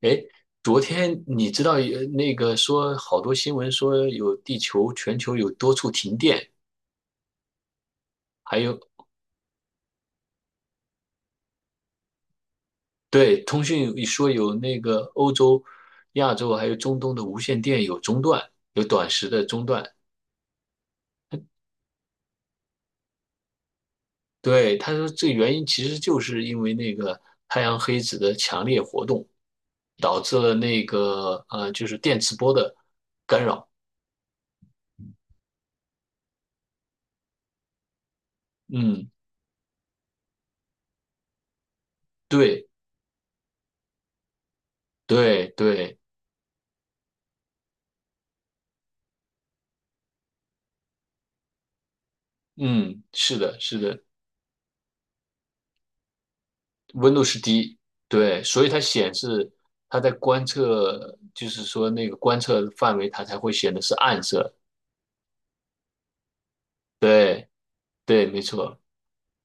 诶，昨天你知道有那个说好多新闻说有地球全球有多处停电，还有对通讯说有那个欧洲、亚洲还有中东的无线电有中断，有短时的中断。对，他说这原因其实就是因为那个太阳黑子的强烈活动，导致了那个就是电磁波的干扰。嗯，对对对，嗯，是的，是的。温度是低，对，所以它显示它在观测，就是说那个观测范围，它才会显得是暗色。对，对，没错。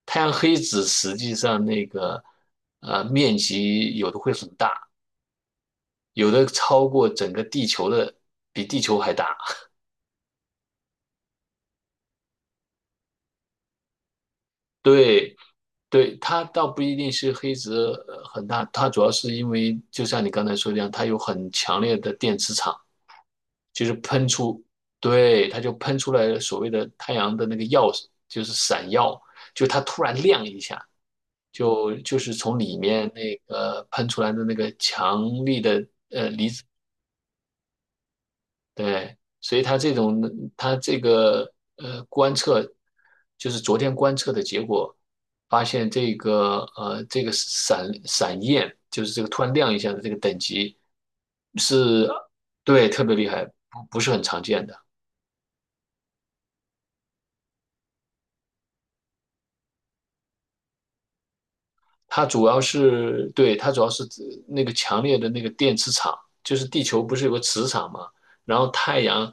太阳黑子实际上那个面积有的会很大，有的超过整个地球的，比地球还大。对，对，它倒不一定是黑子很大，它主要是因为就像你刚才说的一样，它有很强烈的电磁场。就是喷出，对，它就喷出来了所谓的太阳的那个耀，就是闪耀，就它突然亮一下，就是从里面那个喷出来的那个强力的，对，所以它这种它这个观测，就是昨天观测的结果，发现这个闪闪焰，就是这个突然亮一下的这个等级是，对，特别厉害，不是很常见的。它主要是指那个强烈的那个电磁场，就是地球不是有个磁场嘛，然后太阳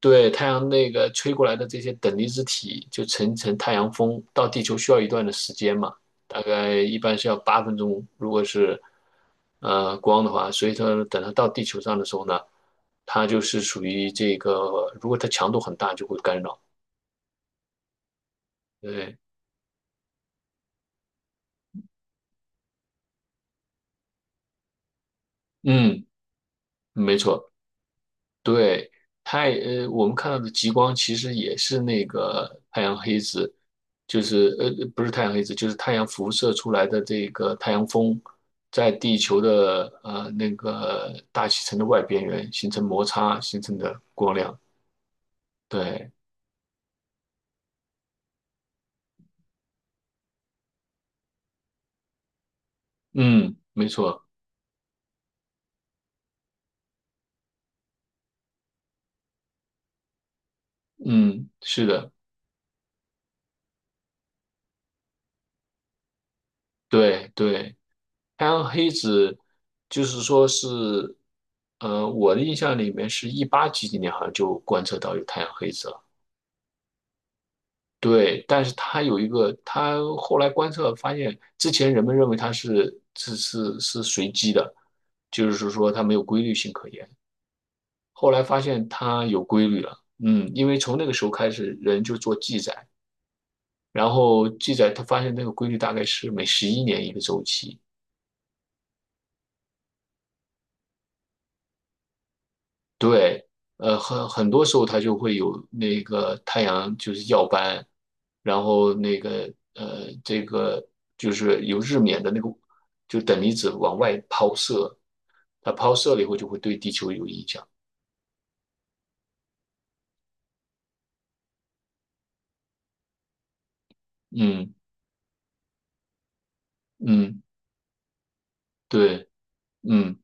对太阳那个吹过来的这些等离子体就层层太阳风到地球需要一段的时间嘛，大概一般是要8分钟，如果是光的话，所以说等它到地球上的时候呢，它就是属于这个，如果它强度很大就会干扰。对，嗯，没错。对，太，我们看到的极光其实也是那个太阳黑子，就是不是太阳黑子，就是太阳辐射出来的这个太阳风，在地球的那个大气层的外边缘形成摩擦形成的光亮。对，嗯，没错，嗯，是的，对对，太阳黑子就是说是，我的印象里面是一八几几年好像就观测到有太阳黑子了。对，但是他有一个，他后来观测发现，之前人们认为它是随机的，就是说它没有规律性可言。后来发现它有规律了，嗯，因为从那个时候开始，人就做记载，然后记载他发现那个规律大概是每11年一个周期，对，很很多时候它就会有那个太阳就是耀斑，然后那个这个就是有日冕的那个，就等离子往外抛射，它抛射了以后就会对地球有影响。嗯嗯，对，嗯。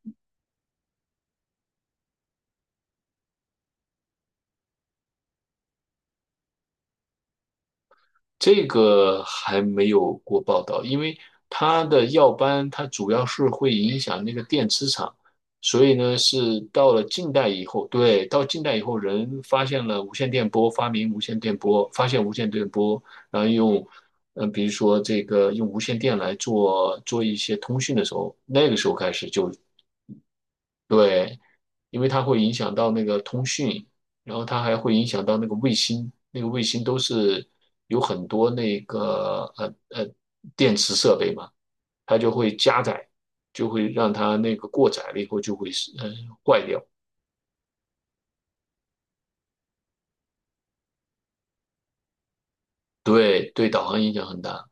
这个还没有过报道，因为它的耀斑它主要是会影响那个电磁场，所以呢是到了近代以后，对，到近代以后人发现了无线电波，发明无线电波，发现无线电波，然后用，嗯、比如说这个用无线电来做做一些通讯的时候，那个时候开始就对因为它会影响到那个通讯，然后它还会影响到那个卫星，那个卫星都是有很多那个电池设备嘛，它就会加载，就会让它那个过载了以后就会是坏掉，对对，导航影响很大，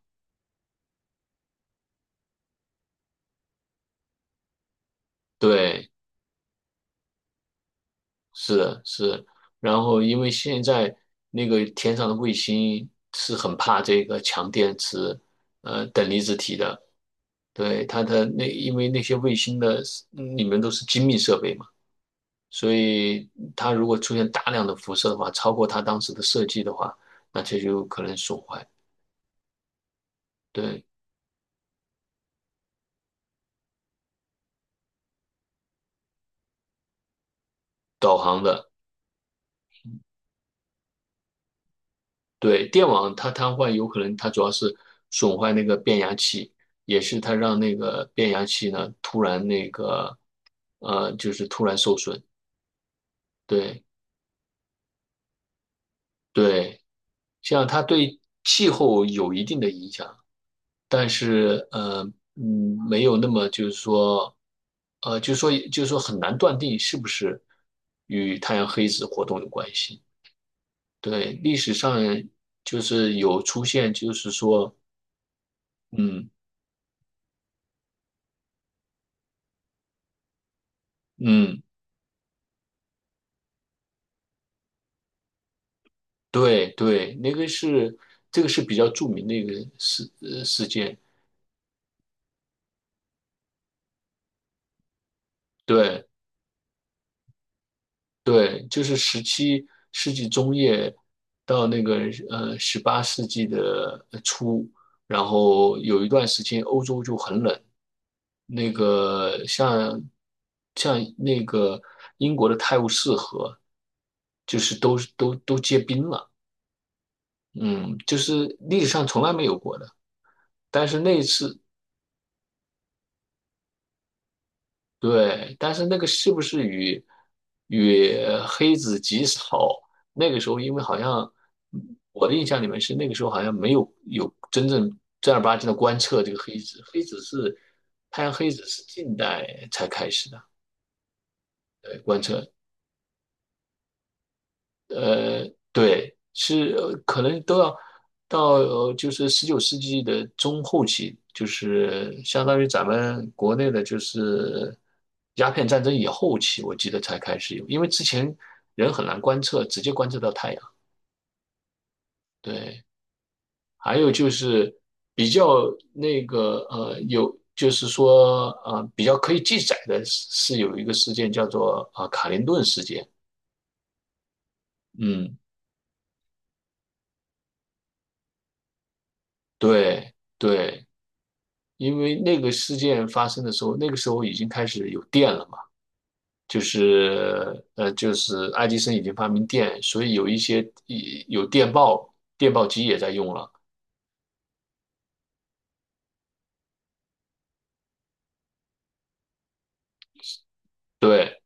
对，是的是然后因为现在那个天上的卫星是很怕这个强电池，等离子体的。对，它的那，因为那些卫星的嗯里面都是精密设备嘛，所以它如果出现大量的辐射的话，超过它当时的设计的话，那这就有可能损坏。对，导航的，对，电网它瘫痪，有可能它主要是损坏那个变压器，也是它让那个变压器呢突然那个，就是突然受损。对对。像它对气候有一定的影响，但是没有那么就是说，就是说很难断定是不是与太阳黑子活动有关系。对，历史上就是有出现，就是说，嗯嗯，对对，那个是这个是比较著名的一个事事件。对，对，就是17世纪中叶到那个18世纪的初，然后有一段时间欧洲就很冷，那个像像那个英国的泰晤士河，就是都都都结冰了，嗯，就是历史上从来没有过的。但是那一次对，但是那个是不是与与黑子极少？那个时候，因为好像我的印象里面是那个时候好像没有有真正正儿八经的观测这个黑子，黑子是太阳黑子是近代才开始的，对，观测呃，对，是可能都要到就是19世纪的中后期，就是相当于咱们国内的，就是鸦片战争以后期，我记得才开始有，因为之前人很难观测，直接观测到太阳。对，还有就是比较那个有就是说比较可以记载的是是有一个事件叫做啊、卡林顿事件。嗯，对对。因为那个事件发生的时候，那个时候已经开始有电了嘛，就是就是爱迪生已经发明电，所以有一些有电报，电报机也在用了。对，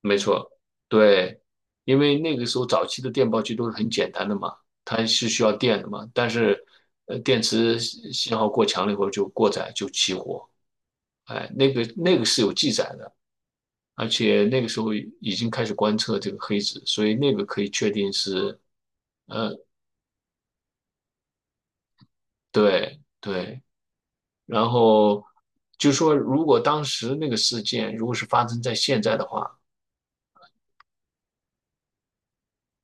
没错，对，因为那个时候早期的电报机都是很简单的嘛，它是需要电的嘛，但是电池信号过强了以后就过载就起火，哎，那个那个是有记载的。而且那个时候已经开始观测这个黑子，所以那个可以确定是呃，对对，然后就说，如果当时那个事件如果是发生在现在的话，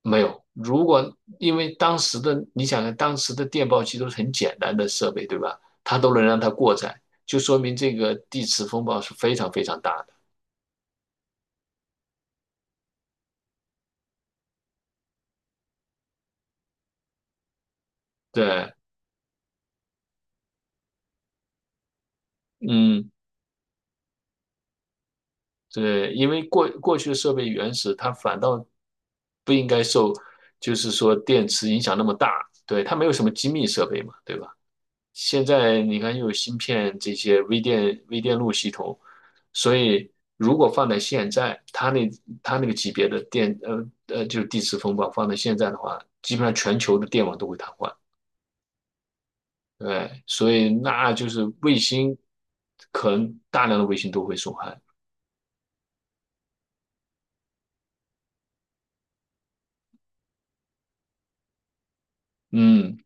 没有。如果因为当时的，你想想，当时的电报机都是很简单的设备，对吧？它都能让它过载，就说明这个地磁风暴是非常非常大的。对，嗯，对，因为过去的设备原始，它反倒不应该受，就是说电磁影响那么大。对，它没有什么机密设备嘛，对吧？现在你看又有芯片这些微电路系统，所以如果放在现在，它那它那个级别的电就是地磁风暴放在现在的话，基本上全球的电网都会瘫痪。对，所以那就是卫星，可能大量的卫星都会损害。嗯，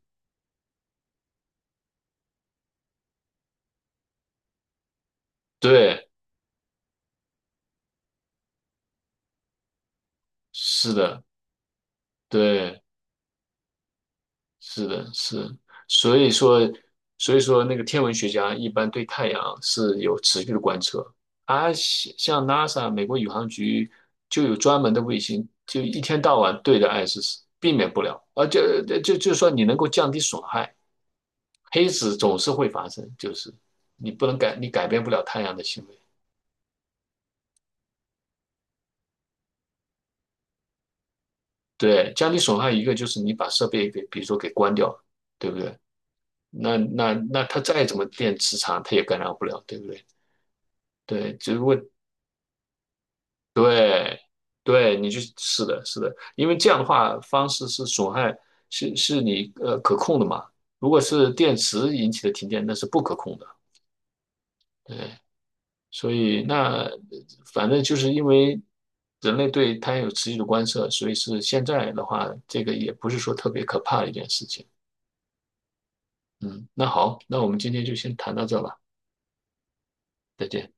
对，是的，对。是的，是，所以说，所以说那个天文学家一般对太阳是有持续的观测，而像像 NASA 美国宇航局就有专门的卫星，就一天到晚对着爱是避免不了，啊，且就说你能够降低损害，黑子总是会发生，就是你不能改，你改变不了太阳的行为。对，降低损害一个就是你把设备给，比如说给关掉，对不对？那那那它再怎么电磁场，它也干扰不了，对不对？对，只不过对，对，你就是的，是的，因为这样的话，方式是损害，是是你可控的嘛。如果是电池引起的停电，那是不可控的。对，所以那反正就是因为人类对碳有持续的观测，所以是现在的话，这个也不是说特别可怕的一件事情。嗯，那好，那我们今天就先谈到这吧，再见。